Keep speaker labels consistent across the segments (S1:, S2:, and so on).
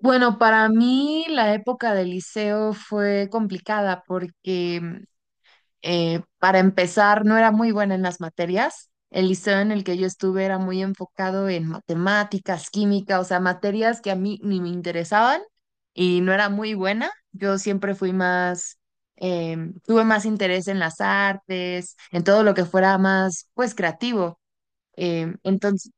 S1: Bueno, para mí la época del liceo fue complicada porque para empezar no era muy buena en las materias. El liceo en el que yo estuve era muy enfocado en matemáticas, química, o sea, materias que a mí ni me interesaban y no era muy buena. Yo siempre fui más, eh, tuve más interés en las artes, en todo lo que fuera más, pues, creativo. Entonces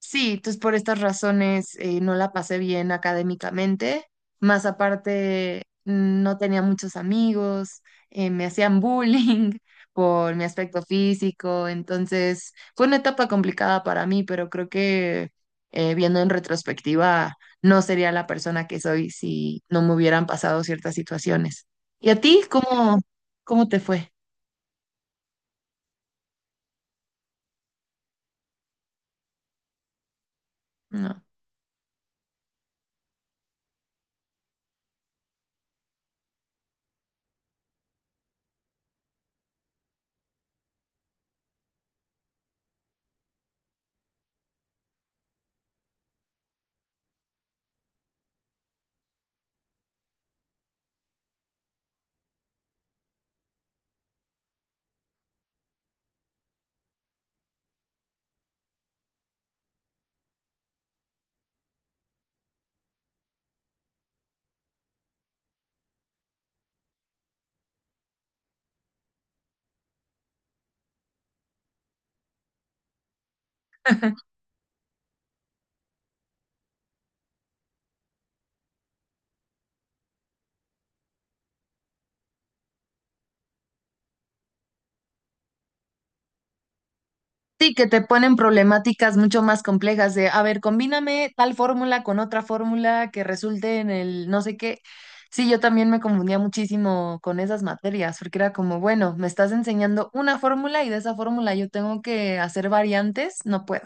S1: sí, entonces por estas razones no la pasé bien académicamente, más aparte no tenía muchos amigos, me hacían bullying por mi aspecto físico, entonces fue una etapa complicada para mí, pero creo que viendo en retrospectiva no sería la persona que soy si no me hubieran pasado ciertas situaciones. ¿Y a ti cómo te fue? No. Sí, que te ponen problemáticas mucho más complejas de, a ver, combíname tal fórmula con otra fórmula que resulte en el no sé qué. Sí, yo también me confundía muchísimo con esas materias, porque era como, bueno, me estás enseñando una fórmula y de esa fórmula yo tengo que hacer variantes, no puedo.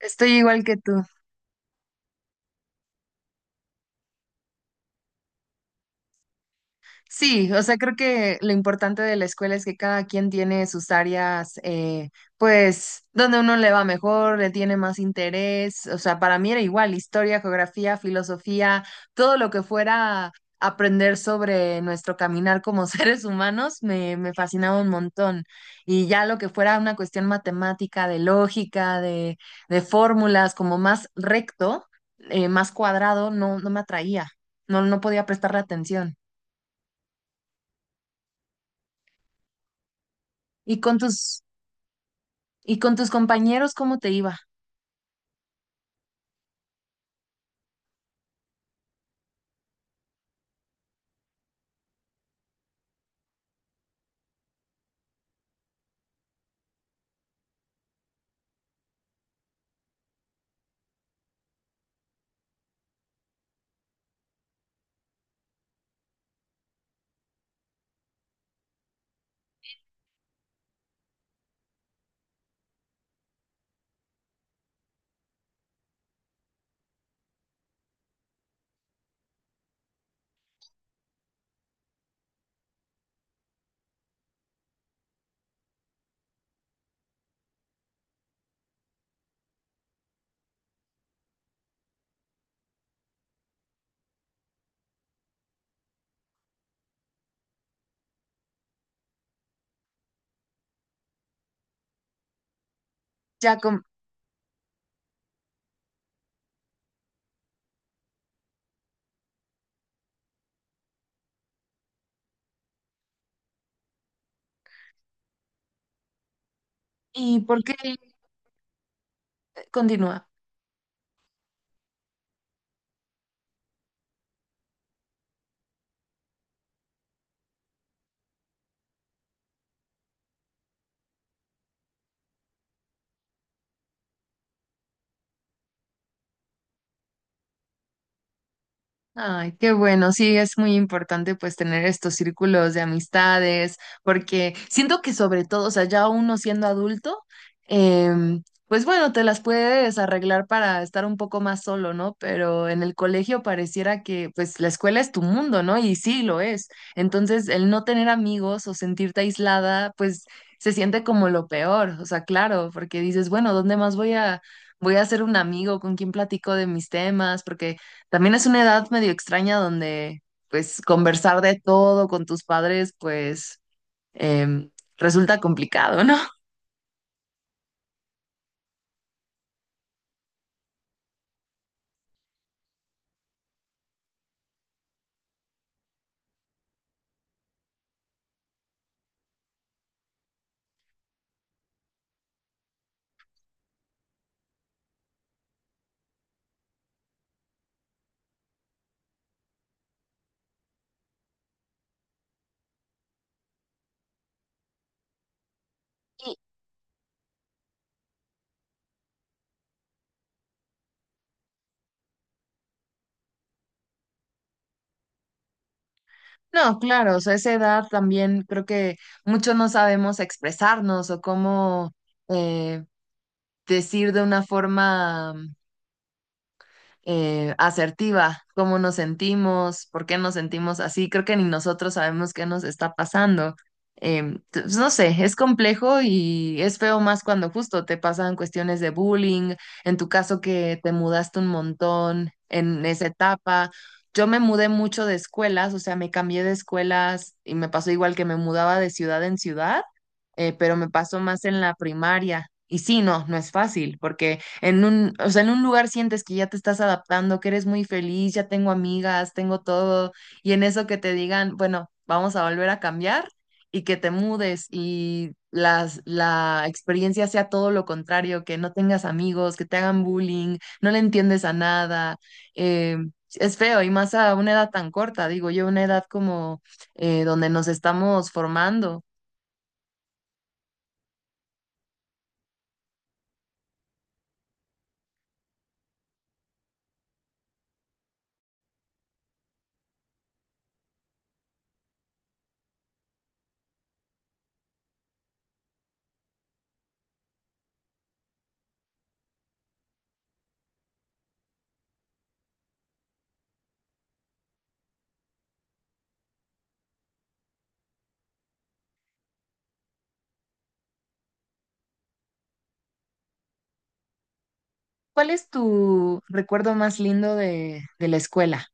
S1: Estoy igual que tú. Sí, o sea, creo que lo importante de la escuela es que cada quien tiene sus áreas, pues, donde uno le va mejor, le tiene más interés. O sea, para mí era igual, historia, geografía, filosofía, todo lo que fuera aprender sobre nuestro caminar como seres humanos, me fascinaba un montón. Y ya lo que fuera una cuestión matemática, de lógica, de fórmulas, como más recto, más cuadrado, no, no me atraía, no, no podía prestarle atención. ¿Y con tus compañeros cómo te iba? Ya con, ¿y por qué continúa? Ay, qué bueno, sí, es muy importante pues tener estos círculos de amistades, porque siento que sobre todo, o sea, ya uno siendo adulto, em, pues bueno, te las puedes arreglar para estar un poco más solo, ¿no? Pero en el colegio pareciera que pues la escuela es tu mundo, ¿no? Y sí lo es. Entonces, el no tener amigos o sentirte aislada, pues se siente como lo peor, o sea, claro, porque dices, bueno, ¿dónde más voy a... Voy a hacer un amigo con quien platico de mis temas, porque también es una edad medio extraña donde, pues, conversar de todo con tus padres, pues, em, resulta complicado, ¿no? No, claro, o sea, esa edad también creo que muchos no sabemos expresarnos o cómo eh, decir de una forma asertiva, cómo nos sentimos, por qué nos sentimos así. Creo que ni nosotros sabemos qué nos está pasando. Pues, no sé, es complejo y es feo más cuando justo te pasan cuestiones de bullying, en tu caso que te mudaste un montón en esa etapa. Yo me mudé mucho de escuelas, o sea, me cambié de escuelas y me pasó igual que me mudaba de ciudad en ciudad, pero me pasó más en la primaria. Y sí, no, no es fácil, porque en un, o sea, en un lugar sientes que ya te estás adaptando, que eres muy feliz, ya tengo amigas, tengo todo, y en eso que te digan, bueno, vamos a volver a cambiar y que te mudes y la experiencia sea todo lo contrario, que no tengas amigos, que te hagan bullying, no le entiendes a nada, eh, es feo y más a una edad tan corta, digo yo, una edad como donde nos estamos formando. ¿Cuál es tu recuerdo más lindo de la escuela?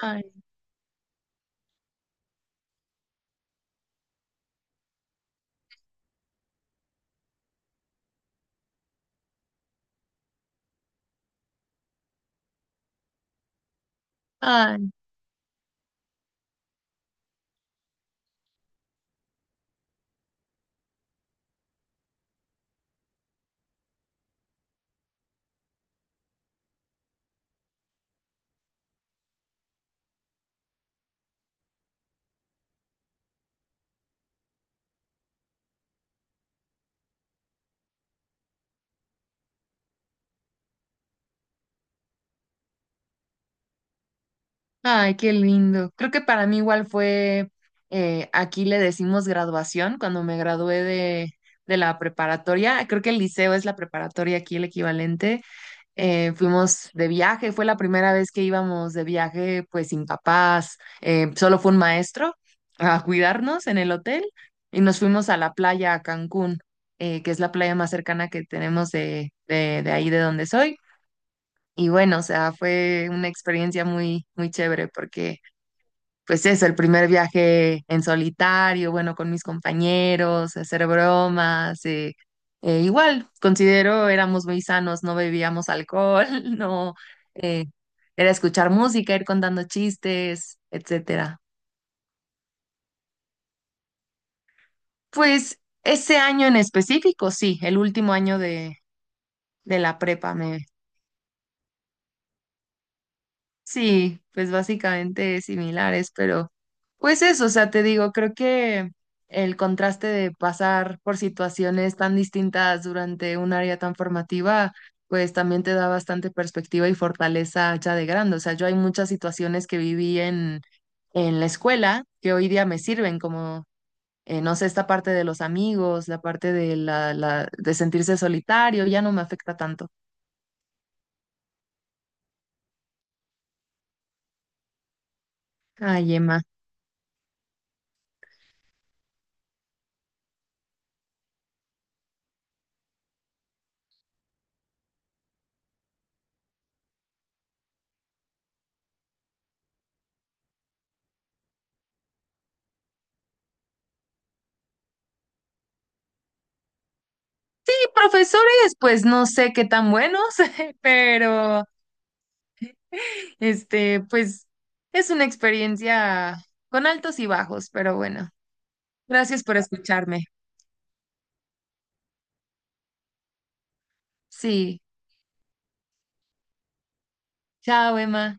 S1: Ay, ay. Ay, qué lindo. Creo que para mí igual fue, aquí le decimos graduación, cuando me gradué de la preparatoria, creo que el liceo es la preparatoria aquí el equivalente, fuimos de viaje, fue la primera vez que íbamos de viaje pues sin papás, solo fue un maestro a cuidarnos en el hotel y nos fuimos a la playa a Cancún, que es la playa más cercana que tenemos de ahí de donde soy. Y bueno, o sea, fue una experiencia muy chévere porque pues eso, el primer viaje en solitario, bueno, con mis compañeros, hacer bromas, igual, considero éramos muy sanos, no bebíamos alcohol, no, eh, era escuchar música, ir contando chistes, etcétera. Pues ese año en específico, sí, el último año de la prepa sí, pues básicamente similares, pero pues eso, o sea, te digo, creo que el contraste de pasar por situaciones tan distintas durante un área tan formativa, pues también te da bastante perspectiva y fortaleza ya de grande. O sea, yo hay muchas situaciones que viví en la escuela que hoy día me sirven, como, no sé, esta parte de los amigos, la parte de, de sentirse solitario, ya no me afecta tanto. Ay, Emma. Profesores, pues no sé qué tan buenos, pero este, pues es una experiencia con altos y bajos, pero bueno, gracias por escucharme. Sí, chao, Emma.